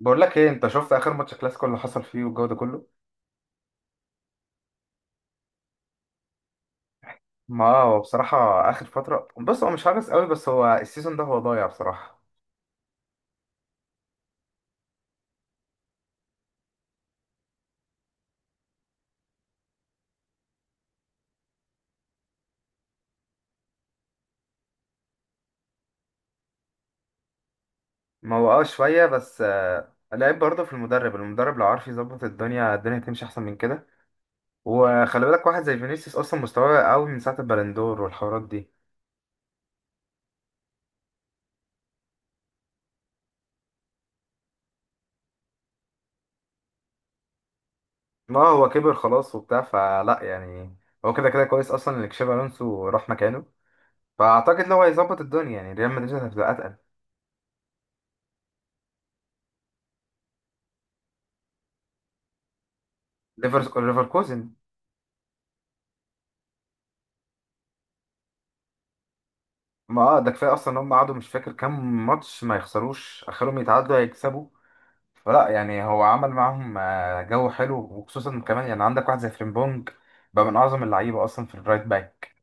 بقول لك ايه؟ انت شفت اخر ماتش كلاسيكو اللي حصل فيه والجو ده كله؟ ما هو بصراحه اخر فتره، بص هو مش عارف قوي، بس هو السيزون ده هو ضايع بصراحه. ما هو اه شويه، بس لعيب برضه في المدرب. المدرب لو عارف يظبط الدنيا، الدنيا هتمشي احسن من كده. وخلي بالك واحد زي فينيسيوس اصلا مستواه قوي من ساعه البالندور والحوارات دي. ما هو كبر خلاص وبتاع، فلا يعني. هو كده كده كويس اصلا ان تشابي الونسو راح مكانه، فاعتقد لو هيظبط الدنيا يعني ريال مدريد هتبقى اتقل. ليفركوزن. ما اه ده كفايه اصلا ان هم قعدوا مش فاكر كام ماتش ما يخسروش، اخرهم يتعادلوا هيكسبوا. فلا يعني، هو عمل معاهم جو حلو، وخصوصا كمان يعني عندك واحد زي فريمبونج بقى من اعظم اللعيبه اصلا في الرايت باك.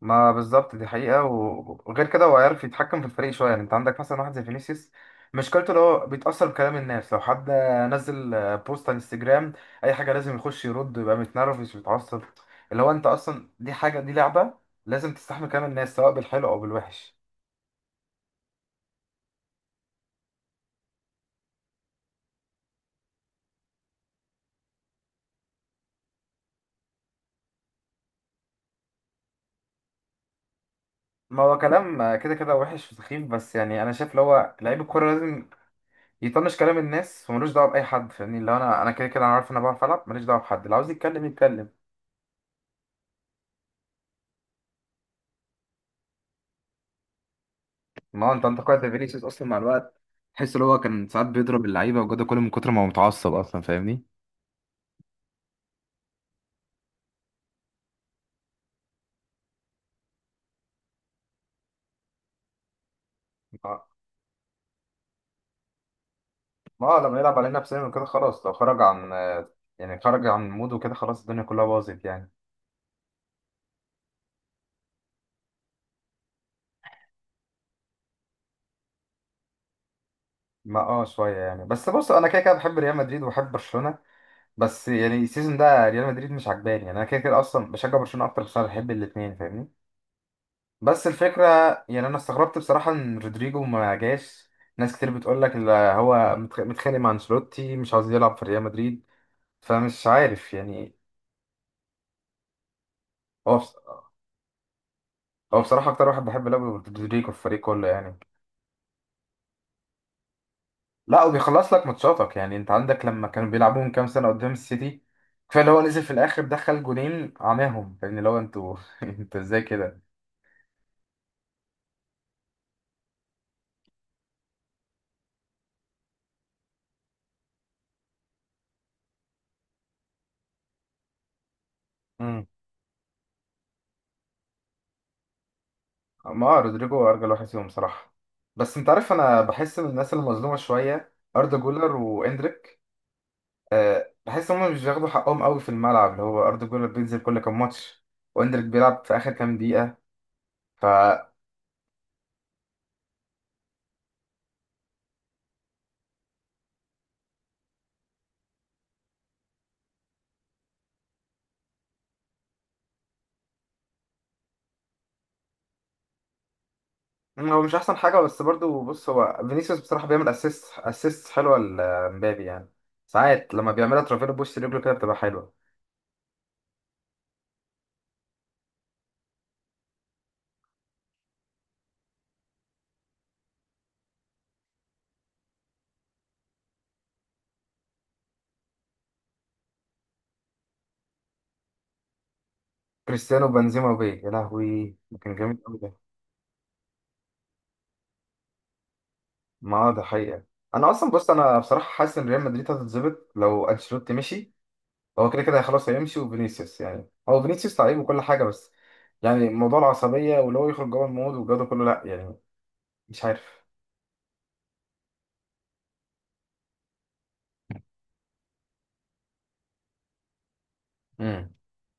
ما بالظبط دي حقيقه، وغير كده هو عارف يتحكم في الفريق شويه. يعني انت عندك مثلا واحد زي فينيسيوس مشكلته اللي هو بيتاثر بكلام الناس، لو حد نزل بوست على انستجرام، اي حاجه لازم يخش يرد ويبقى متنرفز ويتعصب. اللي هو انت اصلا دي حاجه، دي لعبه، لازم تستحمل كلام الناس سواء بالحلو او بالوحش. ما هو كلام كده كده وحش وسخيف، بس يعني انا شايف اللي هو لعيب الكوره لازم يطنش كلام الناس وملوش دعوه باي حد. فاهمني اللي هو انا كده كده انا عارف ان انا بعرف العب، ماليش دعوه بحد، اللي عاوز يتكلم يتكلم. ما هو انت انتقدت فينيسيوس اصلا مع الوقت، تحس اللي هو كان ساعات بيضرب اللعيبه وجوده كله من كتر ما هو متعصب اصلا، فاهمني. ما ما هو لما يلعب علينا نفسنا كده خلاص، لو خرج عن يعني خرج عن موده كده خلاص الدنيا كلها باظت يعني. ما اه شويه يعني، بس بص انا كده كده بحب ريال مدريد وبحب برشلونه، بس يعني السيزون ده ريال مدريد مش عجباني، يعني انا كده كده اصلا بشجع برشلونه اكتر عشان بحب الاثنين، فاهمني. بس الفكره يعني انا استغربت بصراحه ان رودريجو ما جاش. ناس كتير بتقول لك لا هو متخانق مع انشيلوتي، مش عاوز يلعب في ريال مدريد، فمش عارف يعني. هو بص... هو بصراحه اكتر واحد بحب لعب رودريجو في الفريق كله يعني. لا وبيخلص لك ماتشاتك، يعني انت عندك لما كانوا بيلعبوا من كام سنه قدام السيتي كفايه اللي هو نزل في الاخر دخل جونين عماهم، فاهمني اللي هو انتوا انتوا ازاي كده. ما رودريجو ارجل واحد فيهم صراحه. بس انت عارف انا بحس ان الناس المظلومه شويه اردا جولر واندريك. أه بحس ان هم مش بياخدوا حقهم قوي في الملعب، اللي هو اردا جولر بينزل كل كام ماتش، واندريك بيلعب في اخر كام دقيقه ف. مم، هو مش احسن حاجه، بس برضو بص هو فينيسيوس بصراحه بيعمل اسيست حلوه لمبابي يعني، ساعات لما بيعملها ترافيرو بوش رجله كده بتبقى حلوه. كريستيانو بنزيما وبيه، يا لهوي كان جامد قوي. ما هو ده حقيقة. انا اصلا بص انا بصراحة حاسس ان ريال مدريد هتتظبط لو انشيلوتي مشي. هو كده كده خلاص هيمشي، وفينيسيوس يعني هو فينيسيوس لعيب وكل حاجة، بس يعني موضوع العصبية واللي هو يخرج جوه المود والجو ده كله لا يعني، مش عارف. امم،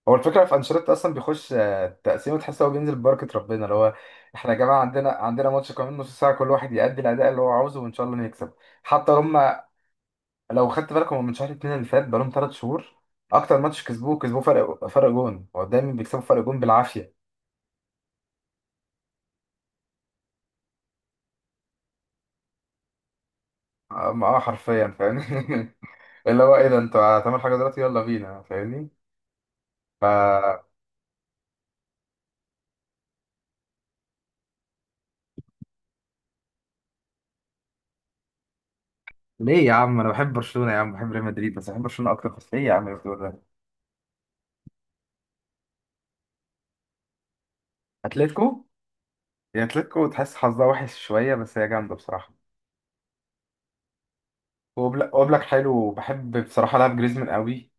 هو الفكرة في انشيلوتي اصلا بيخش تقسيمة تحس هو بينزل ببركة ربنا، اللي هو احنا يا جماعة عندنا ماتش كمان نص ساعة، كل واحد يأدي الأداء اللي هو عاوزه وإن شاء الله نكسب. حتى هم لو خدت بالك هم من شهر اتنين اللي فات بقالهم تلات شهور، اكتر ماتش كسبوه فرق جون. هو دايما بيكسبوا فرق جون بالعافيه. أم- اه حرفيا فاهمني اللي هو ايه ده، انتوا هتعملوا حاجه دلوقتي يلا بينا فاهمني ف. ليه يا عم، انا بحب برشلونه يا عم، بحب ريال مدريد بس بحب برشلونه اكتر، بس ايه يا عم اللي بتقول ده؟ اتلتيكو. يا اتلتيكو تحس حظها وحش شويه، بس هي جامده بصراحه. وبلاك حلو، بحب بصراحه لعب جريزمان قوي.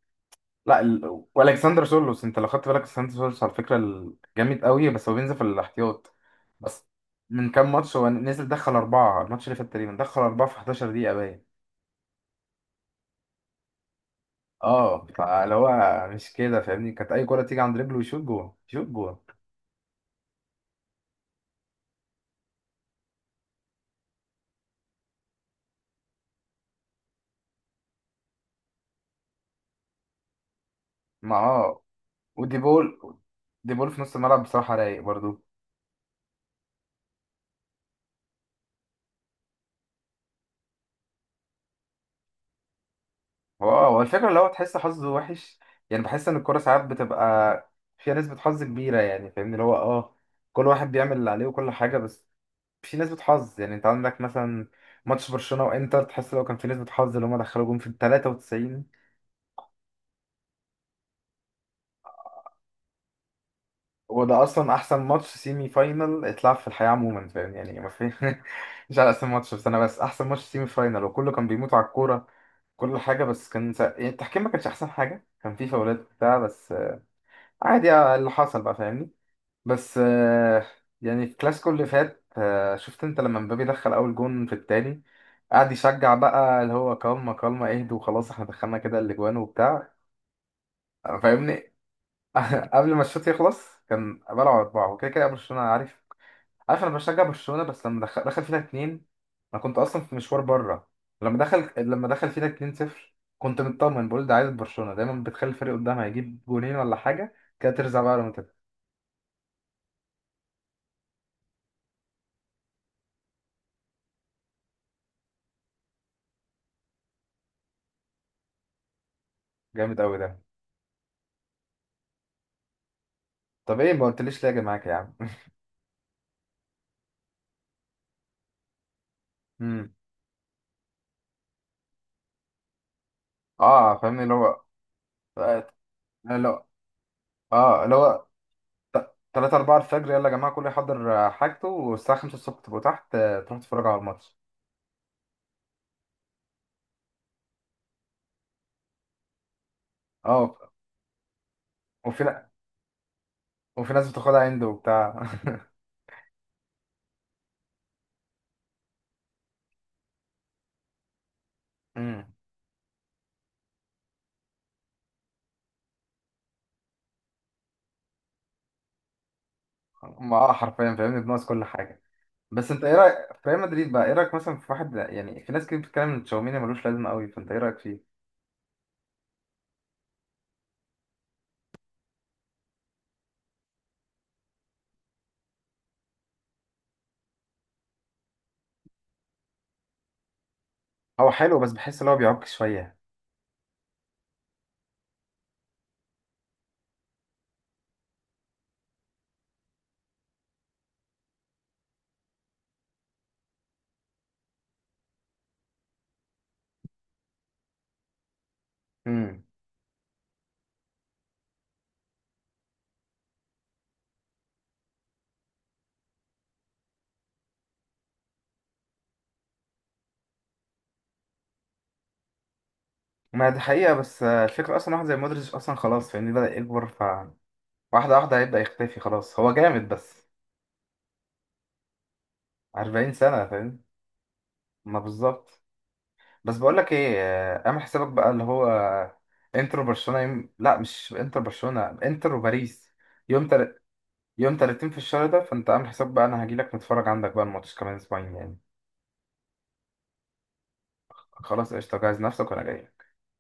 لا والكسندر سولوس، انت لو خدت بالك الكسندر سولوس على فكره جامد قوي، بس هو بينزل في الاحتياط. بس من كام ماتش هو نزل دخل اربعه، الماتش اللي فات تقريبا دخل اربعه في 11 دقيقه باين. اه فاللي هو مش كده فاهمني، كانت اي كره تيجي عند رجله يشوط جوه يشوط جوه. ما اه ودي بول، دي بول في نص الملعب بصراحه رايق برضو. هو اه هو الفكره اللي هو تحس حظه وحش، يعني بحس ان الكره ساعات بتبقى فيها نسبه حظ كبيره يعني فاهمني اللي هو اه، كل واحد بيعمل اللي عليه وكل حاجه، بس في نسبة حظ يعني. انت عندك مثلا ماتش برشلونة وانتر، تحس لو كان في نسبة حظ اللي هما دخلوا جون في ال 93. وده اصلا احسن ماتش سيمي فاينل اتلعب في الحياة عموما، فاهم يعني ما في مش على اسم ماتش، بس انا بس احسن ماتش سيمي فاينل، وكله كان بيموت على الكورة كل حاجة، بس كان يعني التحكيم ما كانش احسن حاجة، كان في فاولات بتاع، بس عادي اللي حصل بقى فاهمني. بس يعني في الكلاسيكو اللي فات شفت انت لما مبابي دخل اول جون في التاني، قعد يشجع بقى اللي هو كالما كالما اهدوا وخلاص احنا دخلنا كده الاجوان وبتاع فاهمني قبل ما الشوط يخلص كان بلعوا اربعه وكده كده برشلونه عارف، عارف انا بشجع برشلونه، بس لما دخل فينا اتنين، انا كنت اصلا في مشوار بره، لما دخل فينا اتنين صفر كنت مطمن بقول ده، عايز برشلونه دايما بتخلي الفريق قدامها يجيب جونين ولا حاجه كده، ترزع بقى لهم كده. جامد قوي ده. طب ايه ما قلتليش ليه يا جماعه يا عم؟ امم اه فاهمني اللي هو آه، اللي هو اه اللي هو تلاتة أربعة الفجر يلا يا جماعة كله يحضر حاجته، والساعة خمسة الصبح تبقوا تحت تروحوا تتفرجوا على الماتش. اه وفي نا- وفي ناس بتاخدها عند وبتاع امم ما اه حرفيا فاهمني بنقص كل حاجة. بس انت ايه رأيك في ريال مدريد بقى؟ ايه رأيك مثلا في واحد يعني، في ناس كتير بتتكلم ان تشاوميني ملوش لازمة قوي، فانت ايه رأيك فيه؟ هو حلو بس بحس ان هو بيعك شوية. امم ما دي حقيقة، بس الفكرة اصلا واحد زي مودريتش اصلا خلاص فاهمني بدأ يكبر، واحدة واحدة هيبدأ يختفي خلاص، هو جامد بس 40 سنة فاهم. ما بالظبط. بس بقولك ايه اعمل حسابك بقى، اللي هو انترو برشلونة لا مش انترو برشلونة، انترو باريس يوم تل... يوم 30 في الشهر ده، فانت اعمل حسابك بقى انا هجيلك نتفرج عندك بقى الماتش كمان اسبوعين يعني. خلاص قشطة، جهز نفسك وانا جاي.